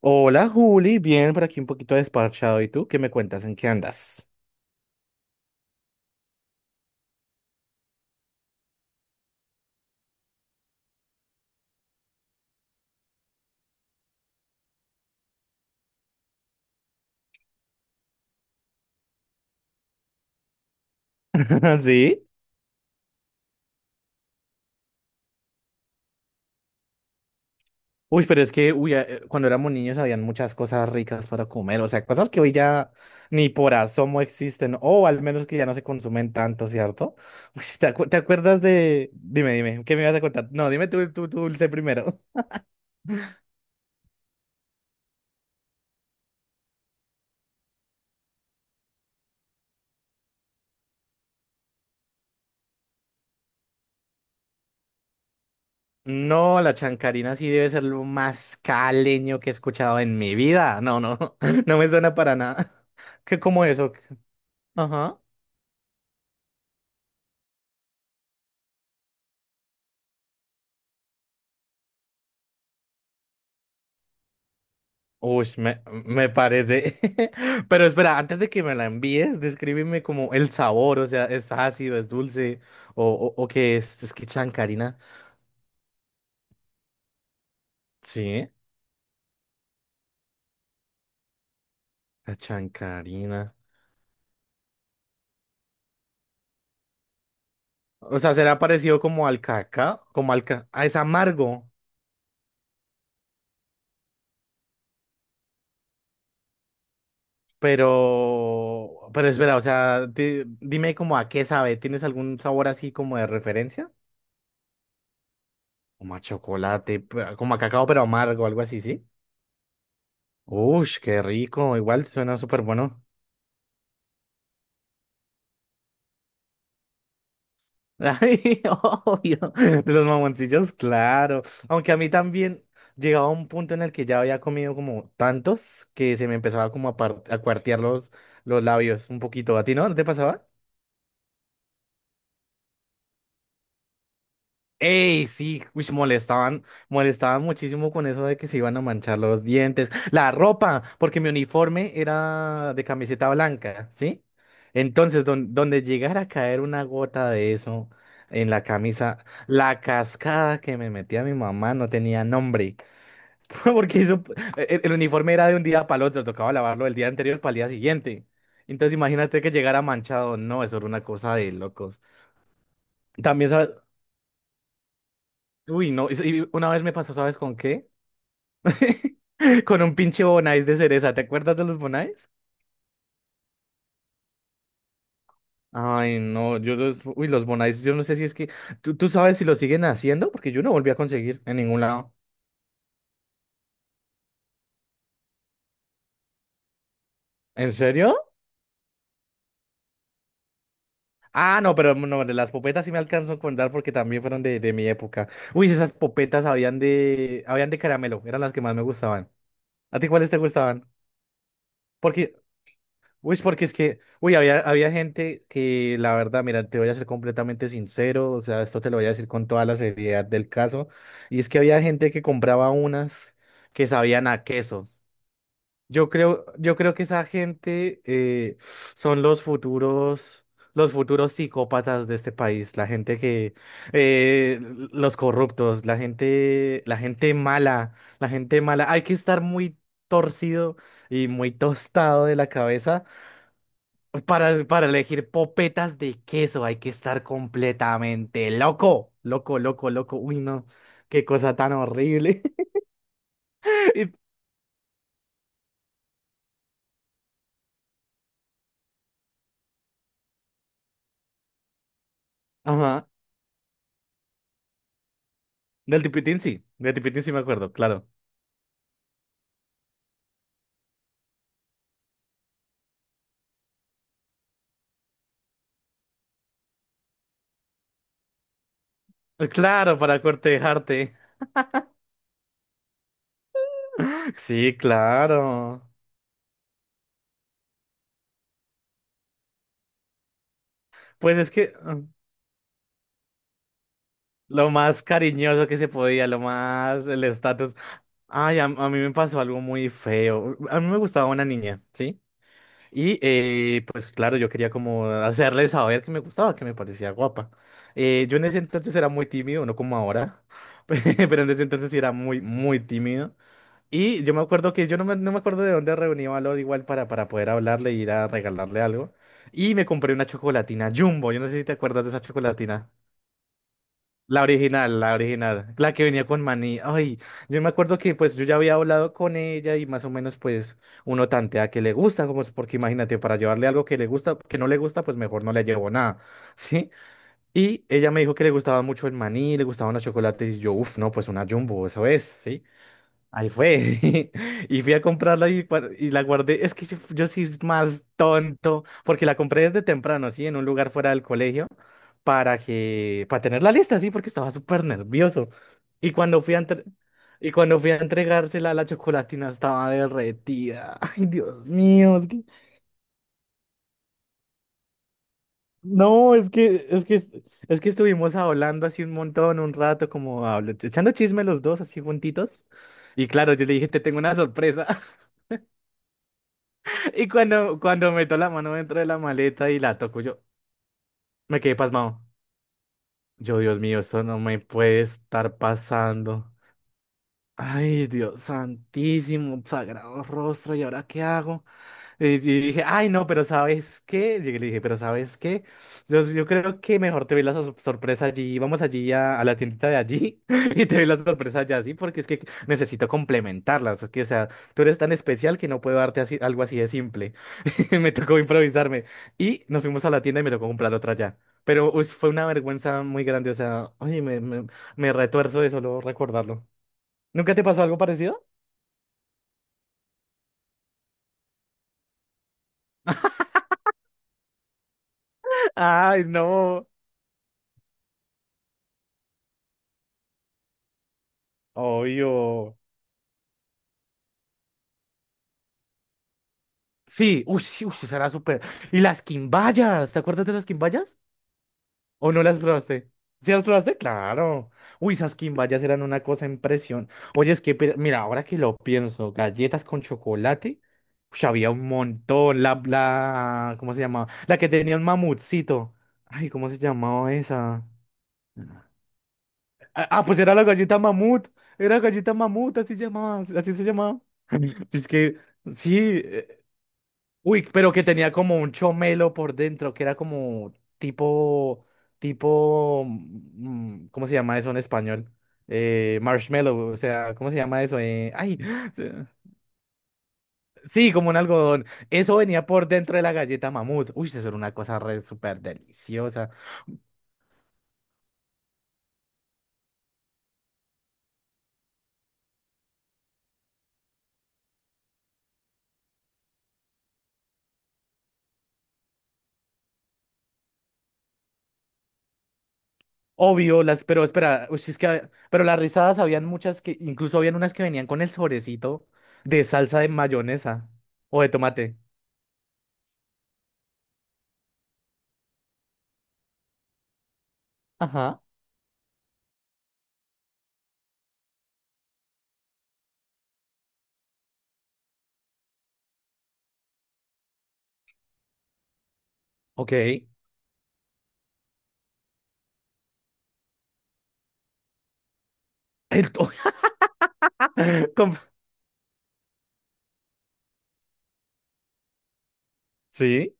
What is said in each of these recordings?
Hola Juli, bien por aquí un poquito desparchado. ¿Y tú qué me cuentas? ¿En qué andas? ¿Sí? Uy, pero es que cuando éramos niños habían muchas cosas ricas para comer, o sea, cosas que hoy ya ni por asomo existen, o al menos que ya no se consumen tanto, ¿cierto? Uy, ¿te acuerdas de... Dime, dime, ¿qué me ibas a contar? No, dime tú dulce primero. No, la chancarina sí debe ser lo más caleño que he escuchado en mi vida. No, no, no me suena para nada. ¿Qué como eso? Ajá. Uy, me parece. Pero espera, antes de que me la envíes, descríbeme como el sabor, o sea, ¿es ácido, es dulce o qué es? Es que chancarina. Sí, la chancarina. O sea, será parecido como al cacao, ah, es amargo, pero... Pero espera, o sea, dime como a qué sabe. ¿Tienes algún sabor así como de referencia? Como a chocolate, como a cacao, pero amargo, algo así, ¿sí? Uy, qué rico, igual suena súper bueno. Ay, obvio, de los mamoncillos, claro. Aunque a mí también llegaba un punto en el que ya había comido como tantos que se me empezaba a cuartear los labios un poquito. ¿A ti no? ¿No te pasaba? Ey, sí, uish, molestaban, molestaban muchísimo con eso de que se iban a manchar los dientes, la ropa, porque mi uniforme era de camiseta blanca, ¿sí? Entonces, donde llegara a caer una gota de eso en la camisa, la cascada que me metía mi mamá no tenía nombre, porque eso, el uniforme era de un día para el otro, tocaba lavarlo el día anterior para el día siguiente. Entonces, imagínate que llegara manchado, no, eso era una cosa de locos. También, ¿sabes? Uy, no, y una vez me pasó, ¿sabes con qué? Con un pinche Bonais de cereza, ¿te acuerdas de los Bonais? Ay, no, yo los, uy, los Bonais, yo no sé si es que, ¿tú sabes si los siguen haciendo? Porque yo no volví a conseguir en ningún lado. ¿En serio? Ah, no, pero no, de las popetas sí me alcanzo a contar porque también fueron de mi época. Uy, esas popetas habían de caramelo, eran las que más me gustaban. ¿A ti cuáles te gustaban? Porque uy, porque es que, uy, había, había gente que, la verdad, mira, te voy a ser completamente sincero, o sea, esto te lo voy a decir con toda la seriedad del caso, y es que había gente que compraba unas que sabían a queso. Yo creo que esa gente son los futuros psicópatas de este país, la gente que, eh, los corruptos, la gente mala, la gente mala. Hay que estar muy torcido y muy tostado de la cabeza para elegir popetas de queso hay que estar completamente loco, loco, loco, loco. Uy, no, qué cosa tan horrible. Y- Ajá, del tipitín sí me acuerdo, claro. Claro, para cortejarte. Sí, claro. Pues es que ah, lo más cariñoso que se podía, lo más el estatus. Ay, a mí me pasó algo muy feo. A mí me gustaba una niña, ¿sí? Y pues claro, yo quería como hacerle saber que me gustaba, que me parecía guapa. Yo en ese entonces era muy tímido, no como ahora, pero en ese entonces sí era muy, muy tímido. Y yo me acuerdo que yo no me acuerdo de dónde reuní valor igual para poder hablarle y ir a regalarle algo. Y me compré una chocolatina Jumbo, yo no sé si te acuerdas de esa chocolatina. La original, la original, la que venía con maní. Ay, yo me acuerdo que pues yo ya había hablado con ella y más o menos pues uno tantea que le gusta, como es porque imagínate, para llevarle algo que le gusta, que no le gusta, pues mejor no le llevo nada, ¿sí? Y ella me dijo que le gustaba mucho el maní, le gustaban los chocolates y yo, uff, no, pues una jumbo, eso es, ¿sí? Ahí fue. Y fui a comprarla y, y la guardé. Es que yo soy más tonto, porque la compré desde temprano, así, en un lugar fuera del colegio, para que, para tener la lista, sí, porque estaba súper nervioso. Y cuando fui a entre- y cuando fui a entregársela, la chocolatina estaba derretida. Ay, Dios mío, no, es que estuvimos hablando así un montón, un rato, echando chisme los dos, así juntitos. Y claro, yo le dije, te tengo una sorpresa. Y cuando meto la mano dentro de la maleta y la toco, yo me quedé pasmado. Yo, Dios mío, esto no me puede estar pasando. Ay, Dios santísimo, sagrado rostro, ¿y ahora qué hago? Y dije, ay, no, pero ¿sabes qué? Llegué y le dije, pero ¿sabes qué? Yo creo que mejor te ve la sorpresa allí. Vamos allí a la tiendita de allí y te ve la sorpresa allá, sí, porque es que necesito complementarlas. Es que, o sea, tú eres tan especial que no puedo darte así, algo así de simple. Me tocó improvisarme. Y nos fuimos a la tienda y me tocó comprar otra allá. Pero uy, fue una vergüenza muy grande. O sea, oye, me retuerzo de solo recordarlo. ¿Nunca te pasó algo parecido? Ay, no. Obvio. Sí, uy, sí, uy, sí, será súper. ¿Y las quimbayas? ¿Te acuerdas de las quimbayas? ¿O no las probaste? ¿Sí las probaste? Claro. Uy, esas quimbayas eran una cosa impresión. Oye, es que, mira, ahora que lo pienso, galletas con chocolate. Uy, había un montón. ¿Cómo se llamaba? La que tenía un mamutcito. Ay, ¿cómo se llamaba esa? Pues era la galleta mamut. Era galleta mamut, así llamaba, así se llamaba. Es que, sí, eh, uy, pero que tenía como un chomelo por dentro, que era como tipo, ¿cómo se llama eso en español? Marshmallow, o sea, ¿cómo se llama eso? Se- sí, como un algodón. Eso venía por dentro de la galleta mamut. Uy, eso era una cosa re súper deliciosa. Obvio, las, pero espera, uy, si es que, pero las rizadas habían muchas que, incluso habían unas que venían con el sobrecito de salsa de mayonesa o de tomate. Ajá. Ok. To- Com- Sí.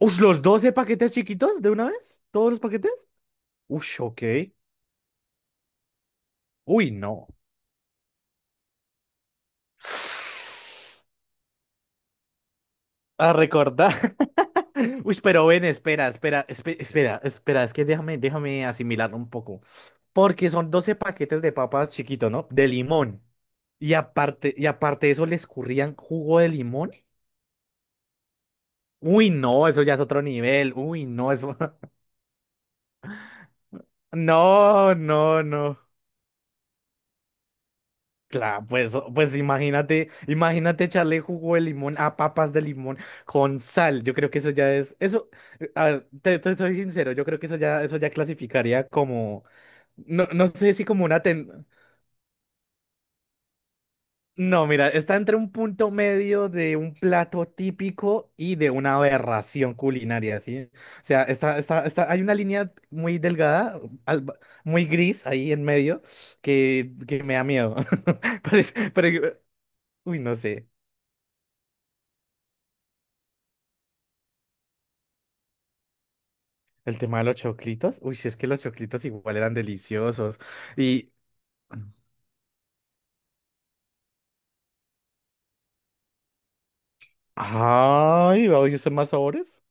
Ush, los 12 paquetes chiquitos de una vez. ¿Todos los paquetes? Ush, ok. Uy, no. A recordar. Uy, pero ven, espera, es que déjame, déjame asimilar un poco. Porque son 12 paquetes de papas chiquito, ¿no? De limón. Y aparte de eso, le escurrían jugo de limón. Uy, no, eso ya es otro nivel. Uy, no, eso. No, no, no. Claro, pues, pues imagínate, imagínate echarle jugo de limón a papas de limón con sal. Yo creo que eso ya es, a ver, te soy sincero, yo creo que eso ya clasificaría como, no, no sé si como una no, mira, está entre un punto medio de un plato típico y de una aberración culinaria, ¿sí? O sea, está, hay una línea muy delgada, al- muy gris ahí en medio, que me da miedo. Pero, pero, uy, no sé. El tema de los choclitos. Uy, si es que los choclitos igual eran deliciosos. Y. Ay, ¿va a hacer más sabores?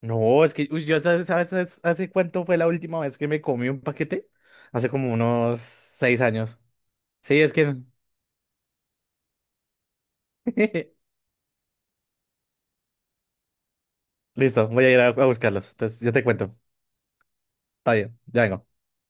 No, es que, uy, yo sabes, sabes hace cuánto fue la última vez que me comí un paquete? Hace como unos 6 años. Sí, es que. Listo, voy a ir a buscarlos. Entonces, yo te cuento. Está bien, ya vengo.